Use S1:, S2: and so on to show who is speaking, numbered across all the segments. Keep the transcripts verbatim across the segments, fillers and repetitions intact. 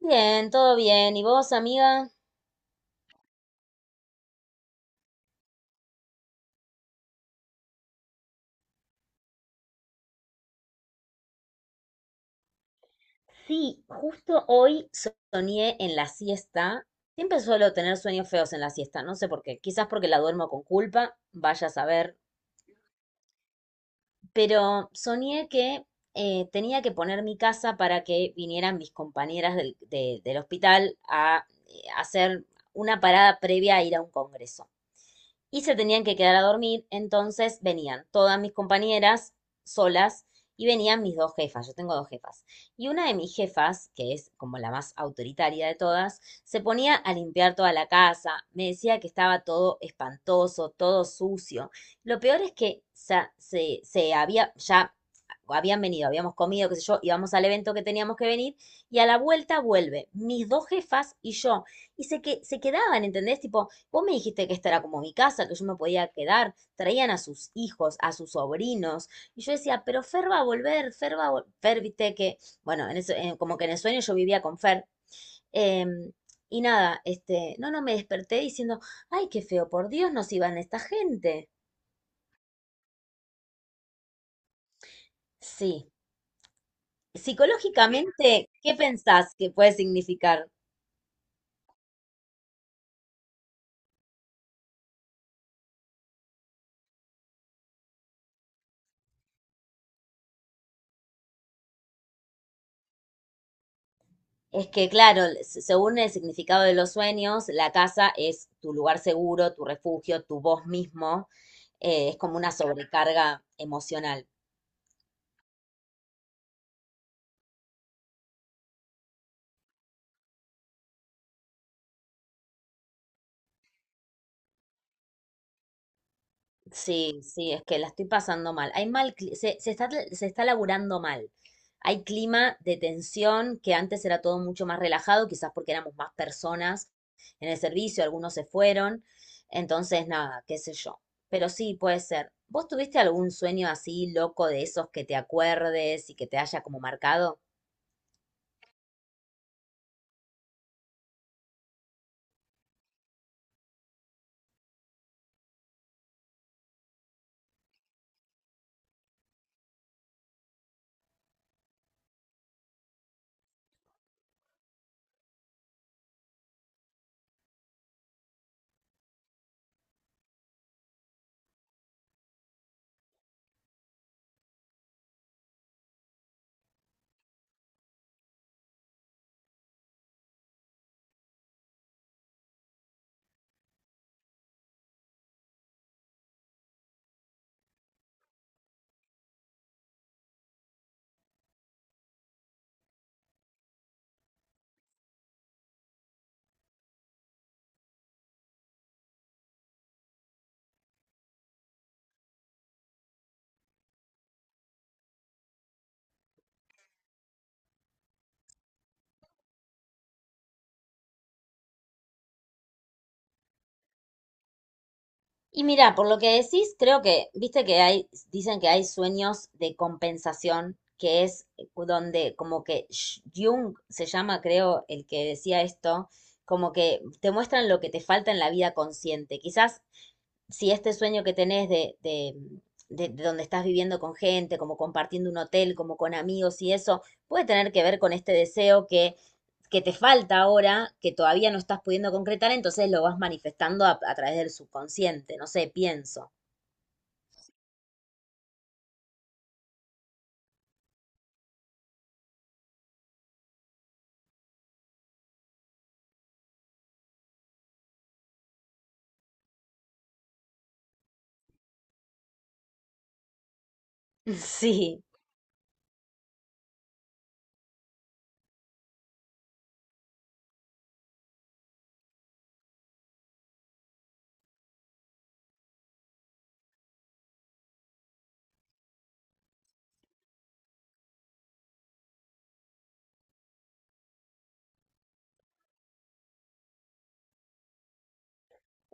S1: Bien, todo bien. ¿Y vos, amiga? Sí, justo hoy, So- soñé en la siesta. Siempre suelo tener sueños feos en la siesta, no sé por qué. Quizás porque la duermo con culpa, vaya a saber. Pero soñé que eh, tenía que poner mi casa para que vinieran mis compañeras del, de- del hospital a eh, hacer una parada previa a ir a un congreso. Y se tenían que quedar a dormir, entonces venían todas mis compañeras solas y venían mis dos jefas, yo tengo dos jefas. Y una de mis jefas, que es como la más autoritaria de todas, se ponía a limpiar toda la casa, me decía que estaba todo espantoso, todo sucio. Lo peor es que sa- se, se había, ya habían venido, habíamos comido, qué sé yo, íbamos al evento que teníamos que venir y a la vuelta vuelve mis dos jefas y yo. Y se, que, se quedaban, ¿entendés? Tipo, vos me dijiste que esta era como mi casa, que yo me podía quedar. Traían a sus hijos, a sus sobrinos. Y yo decía, pero Fer va a volver, Fer va a volver. Fer, viste que, bueno, en eso- eh, como que en el sueño yo vivía con Fer. Em, y nada, este, no, no, me desperté diciendo, ay, qué feo, por Dios, nos iban esta gente. Sí. Psicológicamente, ¿qué pensás que puede significar? Es que, claro, se- según el significado de los sueños, la casa es tu lugar seguro, tu refugio, tu vos mismo. Eh, es como una sobrecarga emocional. Sí, sí, es que la estoy pasando mal. Hay mal, cli- se, se está, tra- se está laburando mal. Hay clima de tensión que antes era todo mucho más relajado, quizás porque éramos más personas en el servicio, algunos se fueron. Entonces, nada, qué sé yo. Pero sí, puede ser. ¿Vos tuviste algún sueño así loco de esos que te acuerdes y que te haya como marcado? Y mira, por lo que decís, creo que, viste que hay, dicen que hay sueños de compensación, que es donde como que Sh- Jung se llama, creo, el que decía esto, como que te muestran lo que te falta en la vida consciente. Quizás si este sueño que tenés de, de, de- de donde estás viviendo con gente, como compartiendo un hotel, como con amigos y eso, puede tener que ver con este deseo que que te falta ahora, que todavía no estás pudiendo concretar, entonces lo vas manifestando a, a través del subconsciente, no sé, pienso. Sí.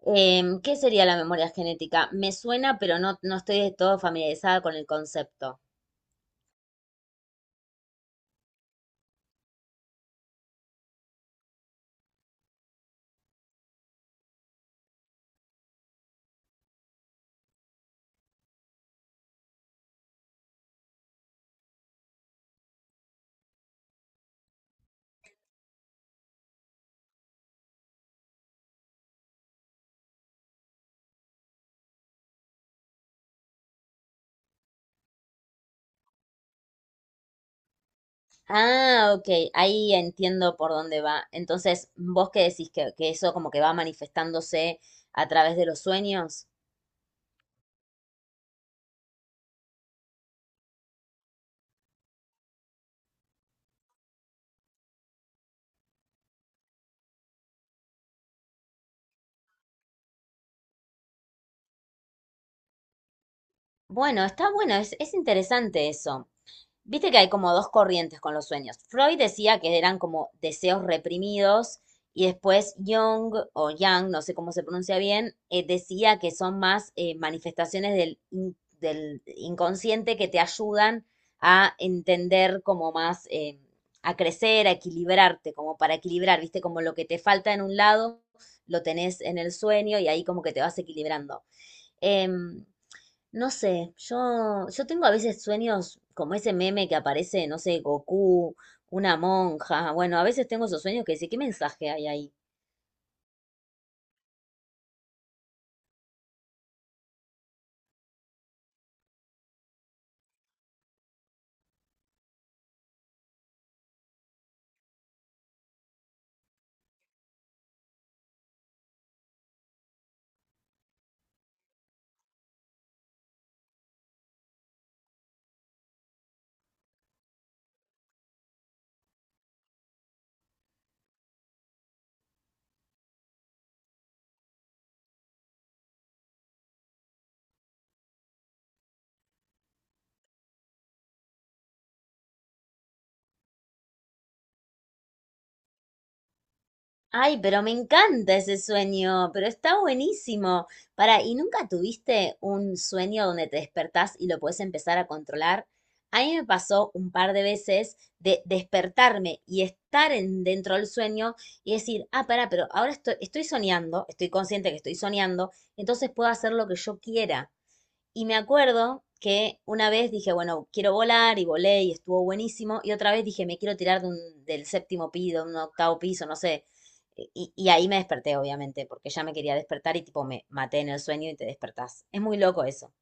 S1: Em, ¿qué sería la memoria genética? Me suena, pero no, no estoy de todo familiarizada con el concepto. Ah, ok, ahí entiendo por dónde va. Entonces, ¿vos qué decís que, que eso como que va manifestándose a través de los sueños? Bueno, está bueno, es, es interesante eso. Viste que hay como dos corrientes con los sueños. Freud decía que eran como deseos reprimidos y después Jung o Yang, no sé cómo se pronuncia bien, eh, decía que son más eh, manifestaciones del, in- del inconsciente que te ayudan a entender como más, eh, a crecer, a equilibrarte, como para equilibrar, viste, como lo que te falta en un lado, lo tenés en el sueño y ahí como que te vas equilibrando. Em, no sé, yo, yo tengo a veces sueños como ese meme que aparece, no sé, Goku, una monja. Bueno, a veces tengo esos sueños que dice, ¿qué mensaje hay ahí? Ay, pero me encanta ese sueño, pero está buenísimo. Para, ¿y nunca tuviste un sueño donde te despertás y lo puedes empezar a controlar? A mí me pasó un par de veces de despertarme y estar en, dentro del sueño y decir, ah, pará, pero ahora estoy, estoy soñando, estoy consciente que estoy soñando, entonces puedo hacer lo que yo quiera. Y me acuerdo que una vez dije, bueno, quiero volar y volé y estuvo buenísimo. Y otra vez dije, me quiero tirar de un- del séptimo piso, un octavo piso, no sé. E, Y, y ahí me desperté, obviamente, porque ya me quería despertar y tipo me maté en el sueño y te despertás. Es muy loco eso.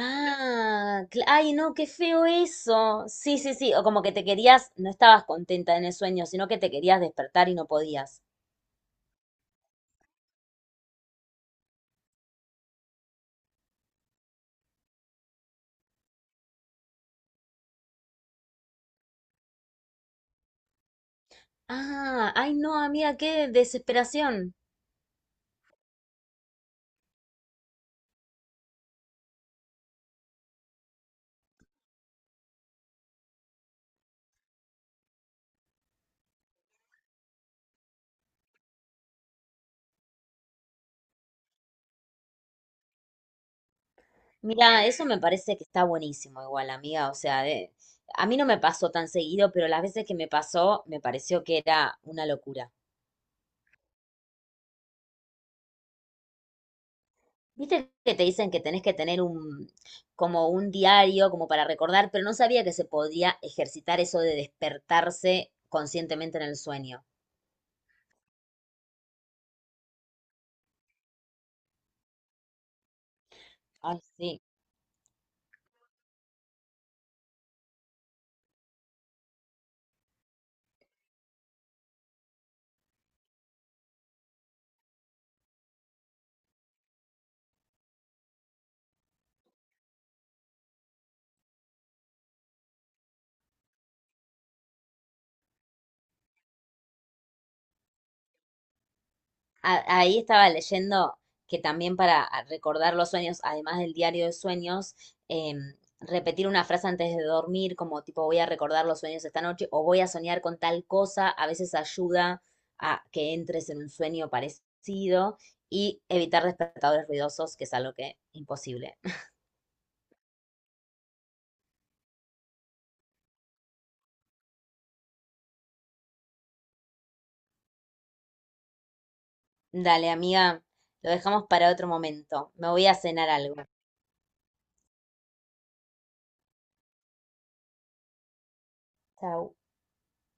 S1: Ah, cla- ay, no, qué feo eso. Sí, sí, sí. O como que te querías, no estabas contenta en el sueño, sino que te querías despertar y no podías. Ah, ay, no, amiga, qué desesperación. Mira, eso me parece que está buenísimo igual, amiga. O sea, de, a mí no me pasó tan seguido, pero las veces que me pasó me pareció que era una locura. Viste que te dicen que tenés que tener un, como un diario, como para recordar, pero no sabía que se podía ejercitar eso de despertarse conscientemente en el sueño. Ay, sí. A- Ahí estaba leyendo que también para a- recordar los sueños, además del diario de sueños, em, repetir una frase antes de dormir, como tipo voy a recordar los sueños esta noche o voy a soñar con tal cosa, a veces ayuda a que entres en un sueño parecido y evitar despertadores ruidosos, que es algo que imposible. Dale, amiga, lo dejamos para otro momento. Me voy a cenar algo. Chao.